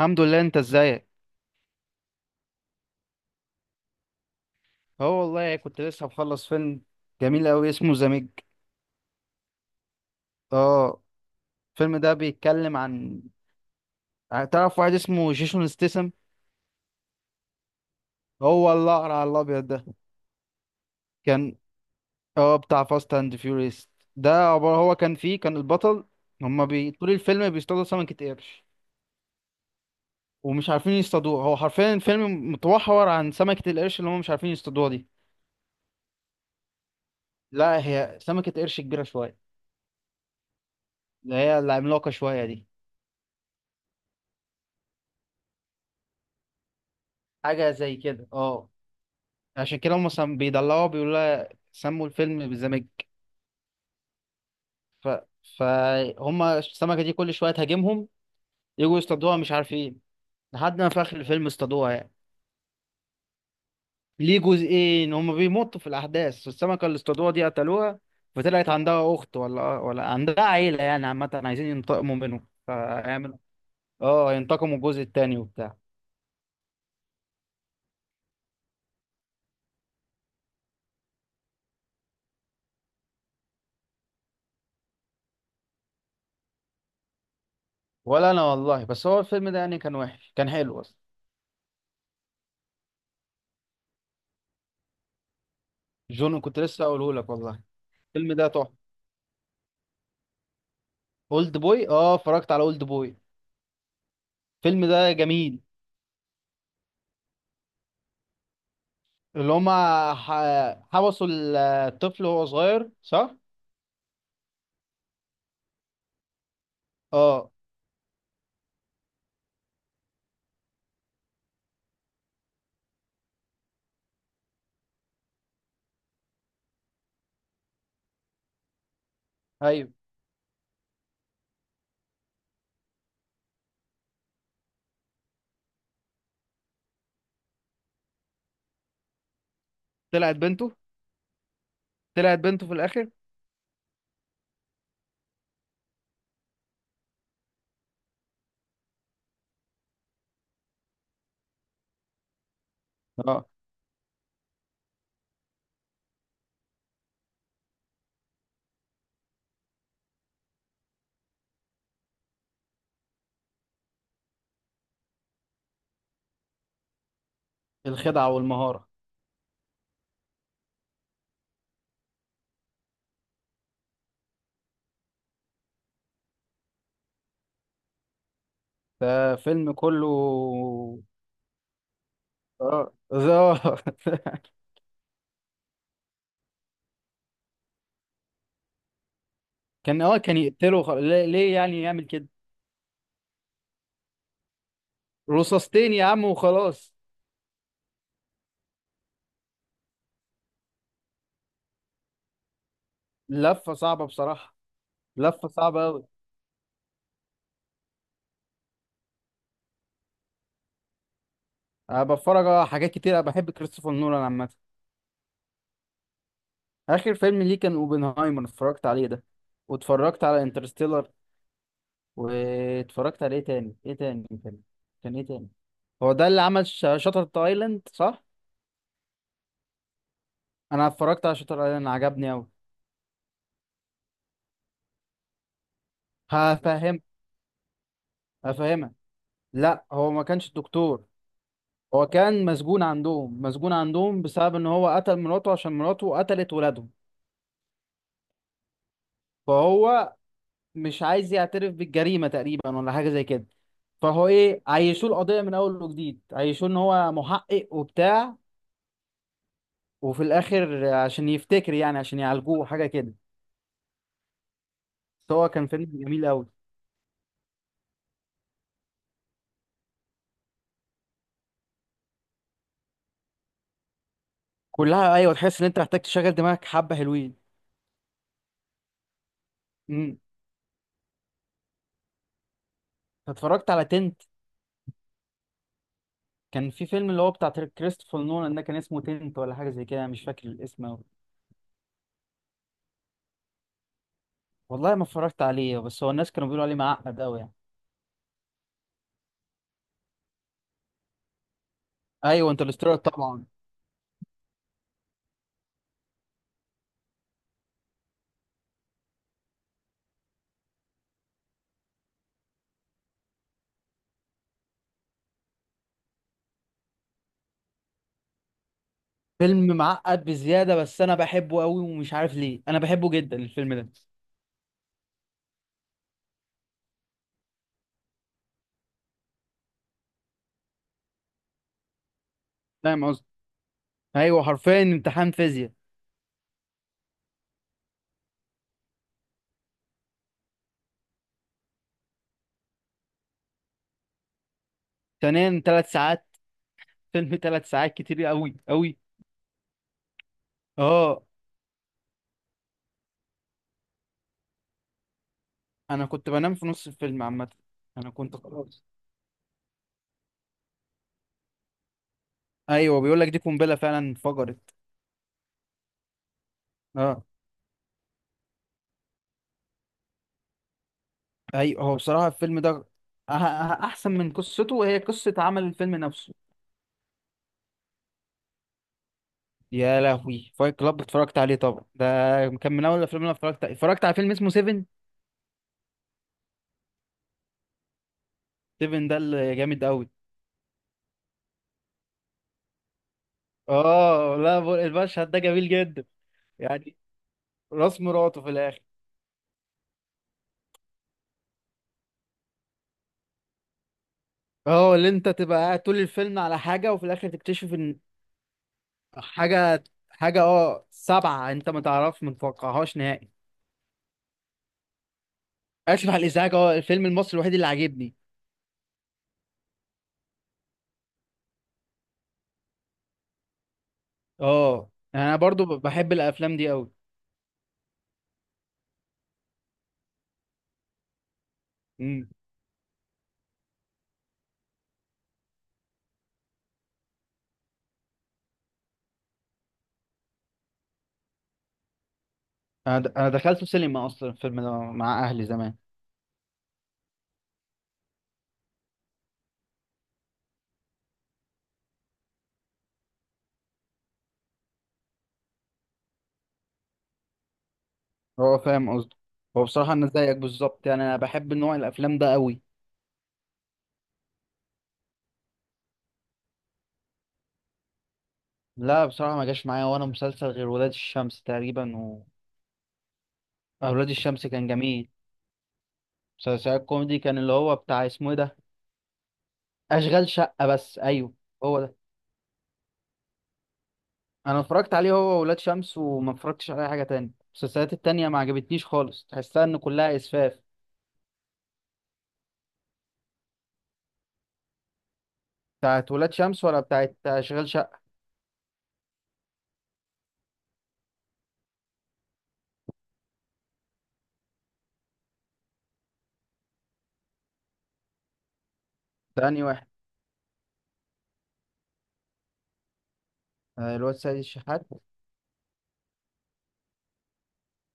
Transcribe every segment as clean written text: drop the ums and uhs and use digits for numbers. الحمد لله، انت ازيك؟ اه والله كنت لسه مخلص فيلم جميل قوي، اسمه ذا ميج. اه. الفيلم ده بيتكلم عن، تعرف واحد اسمه جيسون ستيسم؟ هو الاقرع على الابيض ده. كان، اه بتاع فاست اند فيوريس. ده عبارة، هو كان فيه، كان البطل. طول الفيلم بيصطادوا سمكة قرش، ومش عارفين يصطادوها. هو حرفيا الفيلم متوحور عن سمكة القرش اللي هما مش عارفين يصطادوها دي. لا، هي سمكة قرش كبيرة شوية، اللي هي العملاقة شوية دي. حاجة زي كده، اه. عشان كده بيدلعوا بيقولوا لها، سموا الفيلم بالزمج. ف... فهم السمكة دي كل شوية تهاجمهم، يجوا يصطادوها مش عارفين، لحد ما في آخر الفيلم اصطادوها يعني. ليه جزئين، هم بيمطوا في الأحداث. السمكة اللي اصطادوها دي قتلوها، فطلعت عندها أخت ولا عندها عيلة يعني، عامة عايزين ينتقموا منهم فيعملوا، اه ينتقموا الجزء التاني وبتاع. ولا أنا والله، بس هو الفيلم ده يعني كان وحش، كان حلو أصلا. جون، كنت لسه أقوله لك والله، الفيلم ده تحفة. اولد بوي، اه اتفرجت على اولد بوي، الفيلم ده جميل. اللي هما حبسوا الطفل وهو صغير صح؟ اه. ايوه. طلعت بنته، طلعت بنته في الاخر. اه. الخدعة والمهارة. ده فيلم كله، اه. آه. كان، اه كان يقتله، ليه يعني يعمل كده؟ رصاصتين يا عم وخلاص. لفة صعبة بصراحة، لفة صعبة أوي. أنا بتفرج على حاجات كتير، أنا بحب كريستوفر نولان عامة. آخر فيلم ليه كان أوبنهايمر، اتفرجت عليه ده، واتفرجت على انترستيلر، واتفرجت على ايه تاني، ايه تاني كان، كان ايه تاني؟ هو ده اللي عمل شاتر ايلاند صح؟ انا اتفرجت على شاتر ايلاند، عجبني قوي. هفهم، هفهمك. لا، هو ما كانش الدكتور، هو كان مسجون عندهم، مسجون عندهم بسبب ان هو قتل مراته، عشان مراته قتلت ولادهم. فهو مش عايز يعترف بالجريمة تقريبا، ولا حاجة زي كده. فهو ايه، عيشوه القضية من اول وجديد، عيشوه ان هو محقق وبتاع، وفي الاخر عشان يفتكر يعني، عشان يعالجوه حاجة كده. بس هو كان فيلم جميل قوي. كلها ايوه، تحس ان انت محتاج تشغل دماغك، حبه حلوين. امم، اتفرجت على تنت. كان في فيلم اللي هو بتاع كريستوفر نولان ده، كان اسمه تنت ولا حاجه زي كده، أنا مش فاكر الاسم أوي. والله ما اتفرجت عليه، بس هو الناس كانوا بيقولوا عليه معقد قوي يعني. ايوه انترستيلر طبعا. فيلم معقد بزياده، بس انا بحبه قوي، ومش عارف ليه انا بحبه جدا الفيلم ده. فاهم قصدي. ايوه حرفيا امتحان فيزياء. ثانيا ثلاث ساعات، فيلم ثلاث ساعات كتير قوي قوي. اه. انا كنت بنام في نص الفيلم عامه. انا كنت خلاص. ايوه بيقول لك دي قنبله فعلا انفجرت. اه. ايوه، هو بصراحه الفيلم ده، أه- أه- احسن من قصته، وهي قصه عمل الفيلم نفسه. يا لهوي، فايت كلاب، اتفرجت عليه طبعا ده. كان من اول الافلام اللي أنا اتفرجت على فيلم اسمه سيفن. سيفن ده اللي جامد قوي. اه. لا ب- المشهد ده جميل جدا يعني. راس مراته في الاخر. اه، اللي انت تبقى قاعد طول الفيلم على حاجه، وفي الاخر تكتشف ان، حاجة حاجة، اه سبعة، انت ما تعرفش ما تتوقعهاش نهائي. اسف على الازعاج، اه الفيلم المصري الوحيد اللي عاجبني. اه، يعني انا برضو بحب الافلام دي قوي. امم، انا دخلته سينما اصلا الفيلم ده مع اهلي زمان. هو فاهم قصدي. هو بصراحة انا زيك بالظبط، يعني انا بحب نوع الافلام ده قوي. لا بصراحة، ما جاش معايا وانا مسلسل غير ولاد الشمس تقريبا، و، اولاد الشمس كان جميل. مسلسل كوميدي كان اللي هو بتاع، اسمه ايه ده، اشغال شقة، بس ايوه. هو انا اتفرجت عليه هو وولاد شمس، وما اتفرجتش على اي حاجه تاني، المسلسلات التانية ما عجبتنيش خالص، تحسها ان كلها اسفاف. بتاعت ولاد شمس ولا بتاعت اشغال شقه؟ تاني واحد. آه، الواد سيد الشحات.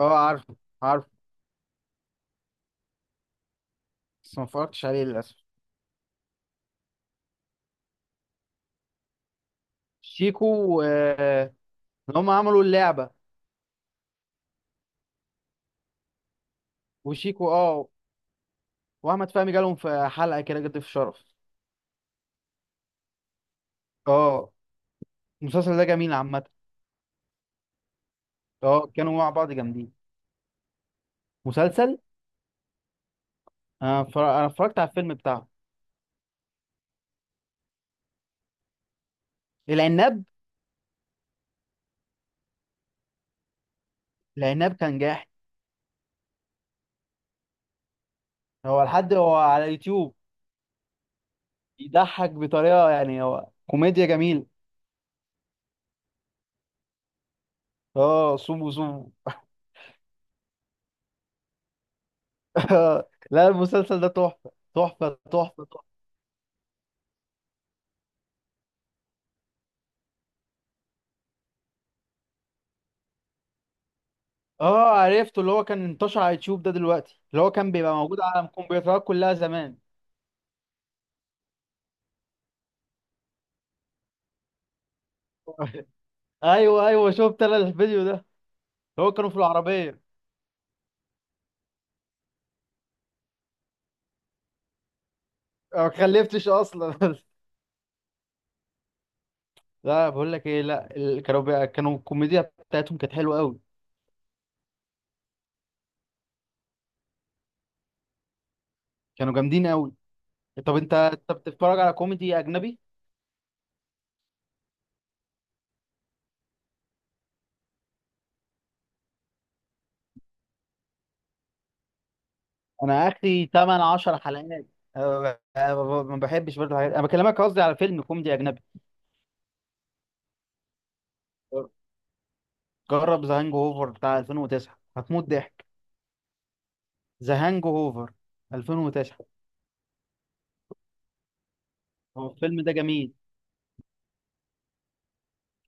اه، عارفه، عارفه، بس ما اتفرجتش عليه للاسف. شيكو، آه، إن هم عملوا اللعبه. وشيكو، اه. واحمد فهمي جالهم في حلقه كده، جد في شرف. اه. المسلسل ده جميل عامه. اه، كانوا مع بعض جامدين. مسلسل، أنا اتفرجت على الفيلم بتاعه، العناب. العناب كان جاحد. هو لحد، هو على يوتيوب يضحك بطريقة يعني، هو كوميديا جميل. اه، صوم صوم. لا، المسلسل ده تحفة. اه، عرفته اللي هو كان انتشر على يوتيوب ده دلوقتي، اللي هو كان بيبقى موجود على الكمبيوترات كلها زمان. ايوه ايوه شفت انا الفيديو ده. هو كانوا في العربية. أنا ما خلفتش اصلا. لا، بقول لك ايه، لا كانوا كانوا الكوميديا بتاعتهم كانت حلوة قوي. كانوا جامدين قوي. طب انت، بتتفرج على كوميدي اجنبي؟ انا اخري 8 10 حلقات. أه، أه، ما بحبش برضه الحاجات، انا بكلمك قصدي على فيلم كوميدي اجنبي. جرب ذا هانج اوفر بتاع 2009، هتموت ضحك. ذا هانج اوفر، 2009. هو الفيلم ده جميل.